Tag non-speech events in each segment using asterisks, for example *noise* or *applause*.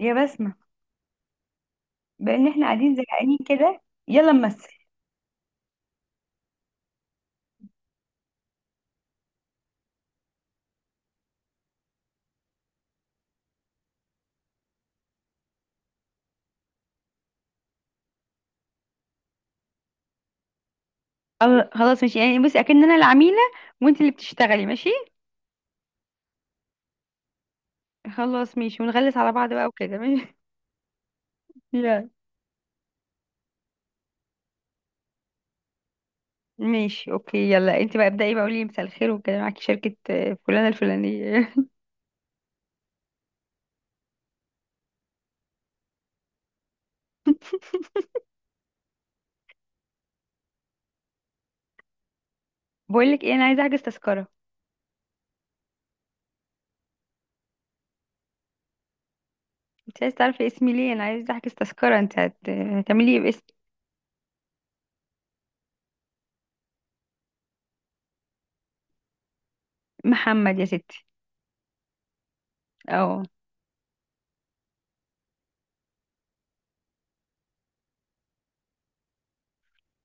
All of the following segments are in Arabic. يا بسمة، بقى ان احنا قاعدين زهقانين كده. يلا نمثل. خلاص ماشي يعني. بصي اكن انا العميلة وانت اللي بتشتغلي، ماشي؟ خلاص ماشي، ونغلس على بعض بقى وكده، ماشي؟ *laughs* يلا. ماشي اوكي. يلا انت بقى ابدأي بقى، قولي لي مساء الخير وكده، معاكي شركة فلانة الفلانية. *laughs* بقول لك ايه، انا عايزة احجز تذكرة. انت عايزة تعرفي اسمي ليه؟ انا عايزة احجز تذكرة، انت هتعملي ايه باسم؟ محمد يا ستي. اه.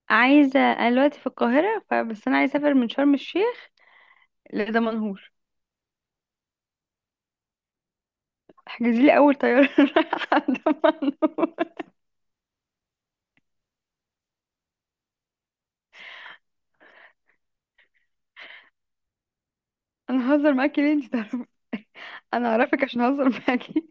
عايزة، انا دلوقتي في القاهرة فبس انا عايزة اسافر من شرم الشيخ لدمنهور. احجزي لي اول طياره *laughs* رايحه عند منو. انا ههزر معاكي ليه؟ انت تعرفي انا؟ اعرفك عشان اهزر معاكي؟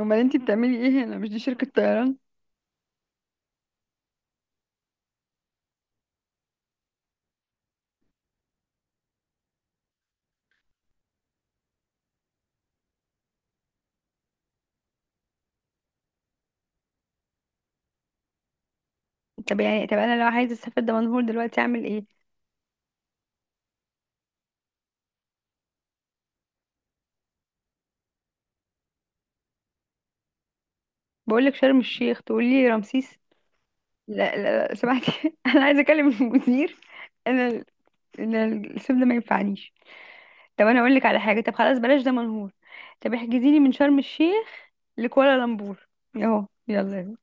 امال انت بتعملي ايه هنا؟ مش دي شركه طيران؟ طب انا لو عايزه اسافر دمنهور دلوقتي اعمل ايه؟ بقول لك شرم الشيخ تقولي لي رمسيس. لا لا لا، سمعتي؟ *laughs* انا عايزه اكلم المدير. انا ال- انا الاسم ده ما ينفعنيش. طب انا اقول لك على حاجه، طب خلاص، بلاش دمنهور. طب احجزي لي من شرم الشيخ لكوالالمبور. اهو يلا يلا.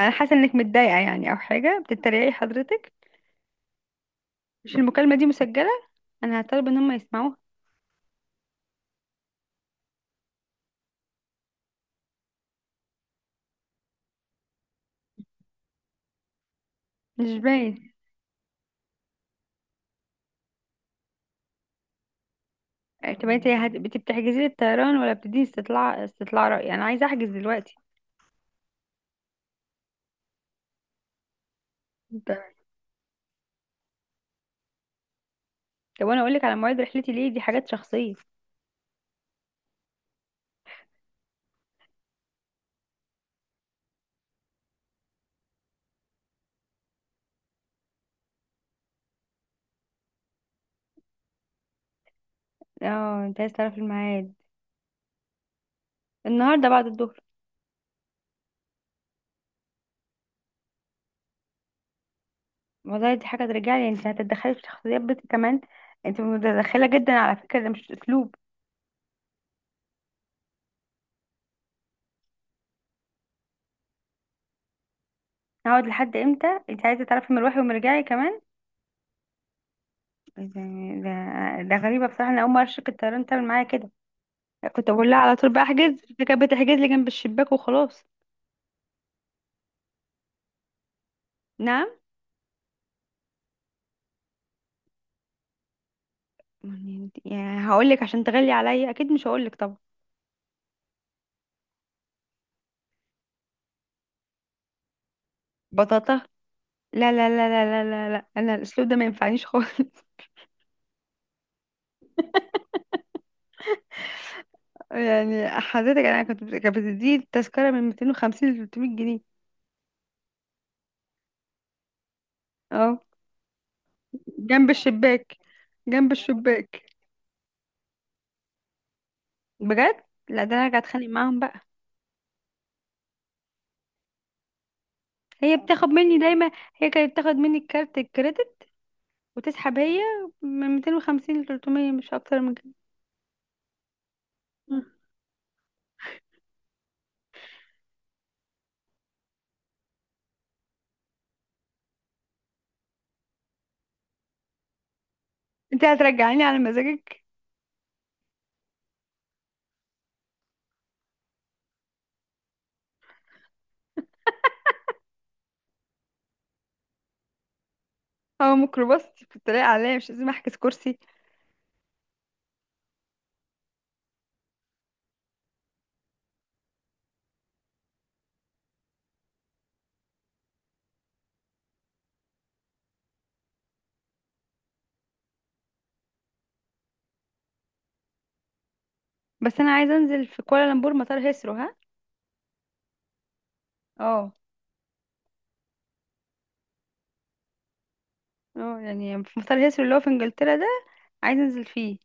انا حاسه انك متضايقه يعني، او حاجه، بتتريقي حضرتك؟ مش المكالمة دي مسجلة؟ أنا هطلب إن هم يسمعوها. مش باين. طب انت بتحجزي لي الطيران ولا بتديني استطلاع رأي؟ يعني أنا عايزة أحجز دلوقتي. طب طب وأنا أقولك على مواعيد رحلتي ليه؟ دي حاجات شخصية. اه، انت عايز تعرف الميعاد؟ النهاردة بعد الظهر. والله دي حاجة ترجعلي؟ انت هتتدخلي في شخصيات بنتي كمان؟ انت متدخلة جدا على فكرة، ده مش أسلوب. هقعد لحد امتى؟ انت عايزة تعرفي مروحي ومرجعي كمان؟ ده, ده غريبة بصراحة، أنا أول مرة شركة الطيران تعمل معايا كده. كنت بقول لها على طول بقى احجز، فكانت بتحجز لي جنب الشباك وخلاص. نعم؟ يعني هقول لك عشان تغلي عليا؟ اكيد مش هقول لك طبعا. بطاطا؟ لا لا لا لا لا لا لا، انا الاسلوب ده ما ينفعنيش خالص. *laughs* يعني حضرتك انا كانت بتدي التذكره من 250 ل 300 جنيه. اه جنب الشباك جنب الشباك. بجد، لا ده انا قاعد اتخانق معاهم بقى. هي بتاخد مني دايما. هي كانت بتاخد مني الكارت الكريدت وتسحب هي من 250 ل 300، مش اكتر من كده. انت هترجعيني على مزاجك؟ هو ميكروباص في الطريق عليا مش لازم احجز كرسي؟ بس انا عايزه انزل في كوالالمبور مطار هيثرو، ها؟ اه. اه يعني في مطار هيثرو اللي هو في انجلترا ده، عايزه انزل فيه.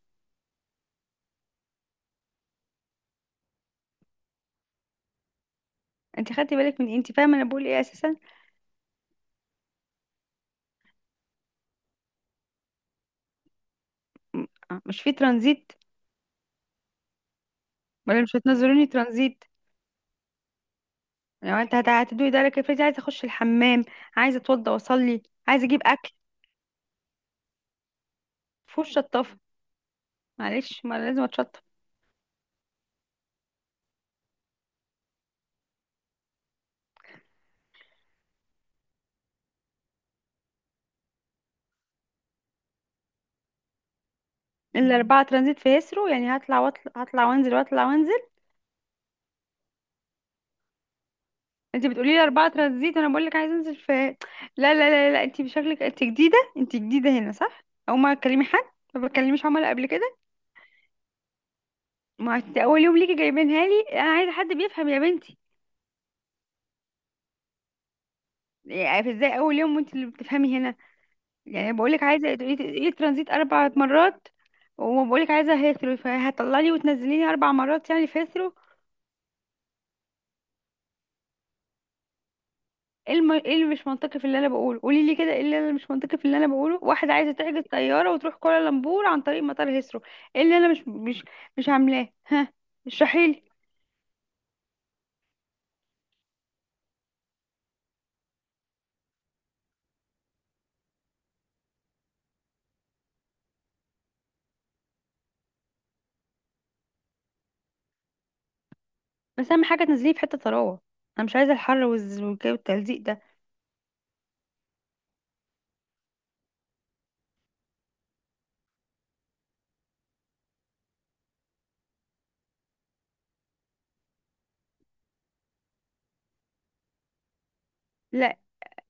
انت خدتي بالك من إيه؟ انت فاهمه انا بقول ايه اساسا؟ مش في ترانزيت؟ ولا مش هتنزلوني ترانزيت؟ يعني انت هتدوي ده لك؟ افرضي عايزه اخش الحمام، عايزه اتوضى واصلي، عايزه اجيب اكل. فوش شطافه؟ معلش ما أنا لازم اتشطف. الا اربعه ترانزيت في هيثرو، يعني هطلع واطلع هطلع وانزل واطلع وانزل؟ انت بتقولي لي اربعه ترانزيت وانا بقول لك عايزه انزل في، لا لا لا لا، انت بشكلك انت جديده هنا، صح؟ او ما تكلمي حد، ما بتكلميش عملاء قبل كده؟ ما انت اول يوم ليكي جايبينها لي، انا عايزه حد بيفهم يا بنتي. يعني ازاي اول يوم وانت اللي بتفهمي هنا؟ يعني بقول لك عايزه تقولي ترانزيت اربع مرات. وما بقول لك عايزه هيثرو؟ فهتطلعي وتنزليني اربع مرات يعني في هيثرو؟ ايه اللي مش منطقي في اللي انا بقوله؟ قولي لي كده ايه اللي انا مش منطقي في اللي انا بقوله. واحده عايزه تحجز طياره وتروح كوالالمبور عن طريق مطار هيسرو. ايه اللي انا مش عاملاه، ها؟ اشرحي لي. بس اهم حاجه تنزليه في حته طراوه، انا مش عايزه الحر والتلزيق ده. لا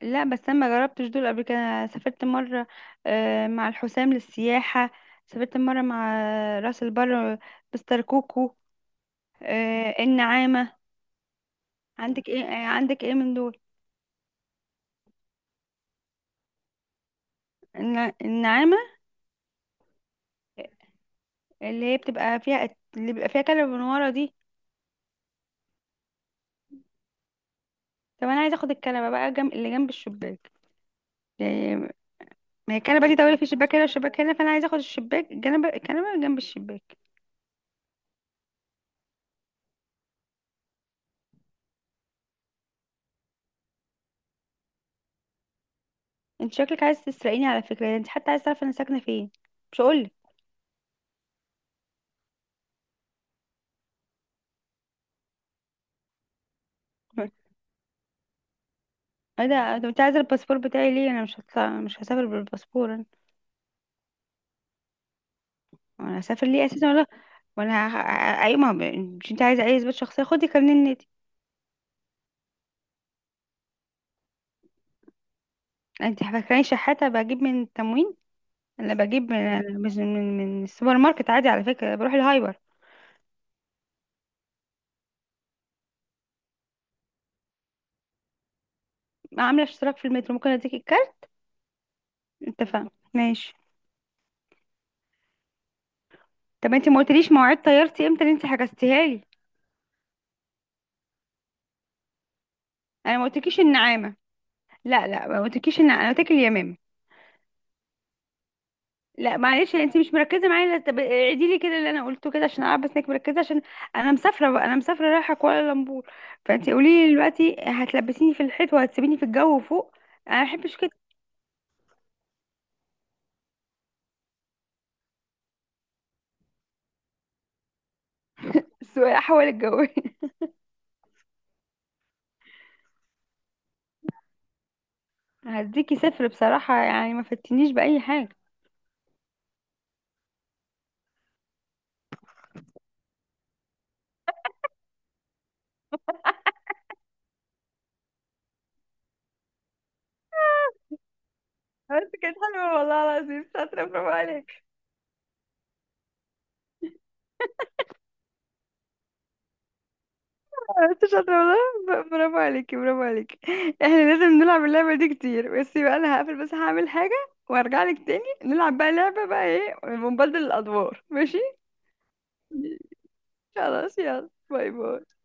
لا، بس انا ما جربتش دول قبل كده. أنا سافرت مره، مع الحسام للسياحه. سافرت مره مع راس البر، مستر كوكو، النعامه. عندك ايه من دول؟ النعامه اللي هي بتبقى فيها، اللي بيبقى فيها كنبة من ورا دي. طب انا عايزه اخد الكنبه بقى جنب، اللي جنب الشباك، يعني. ما هي الكنبه دي طويله، في شباك هنا وشباك هنا، فانا عايزه اخد الشباك جنب الكنبه جنب الشباك. انت شكلك عايز تسرقيني على فكره يعني، انت حتى عايز تعرف انا ساكنه فين؟ مش هقولك. *laughs* ايه ده، انت عايزه الباسبور بتاعي ليه؟ انا مش هطلع، مش هسافر بالباسبور انا. انا هسافر ليه اساسا ولا؟ وانا ه- ايوه ما هو، مش انت عايزه اي اثبات شخصيه؟ خدي كارنيه النادي. انت فاكراني شحاته بجيب من التموين؟ انا بجيب من السوبر ماركت عادي، على فكره بروح الهايبر. عامله اشتراك في المترو، ممكن اديك الكارت. اتفقنا ماشي. طب انت ما قلتليش مواعيد طيارتي امتى اللي انت حجزتيها لي؟ انا ما قلتلكيش النعامه، لا لا، ما قلتلكيش النعامه، انا قلت لك اليمامه. لا معلش، انت مش مركزه معايا، لا، طب اعيدي لي كده اللي انا قلته كده عشان اعرف بس انك مركزه، عشان انا مسافره بقى، انا مسافره رايحه كوالالمبور. فانت قولي لي دلوقتي، هتلبسيني في الحيط وهتسيبيني في الجو فوق؟ انا ما بحبش كده. السواقه حول الجو. *laughs* هديكي صفر بصراحة، يعني ما فتنيش بأي حاجة. بس كانت حلوة والله العظيم، شاطرة، برافو عليك. انت شاطرة والله، برافو عليكي، برافو عليكي. احنا لازم نلعب اللعبة دي كتير، بس بقى انا هقفل، بس هعمل حاجة وارجع لك تاني. نلعب بقى لعبة بقى ايه، ونبدل الأدوار، ماشي. خلاص، يلا باي باي.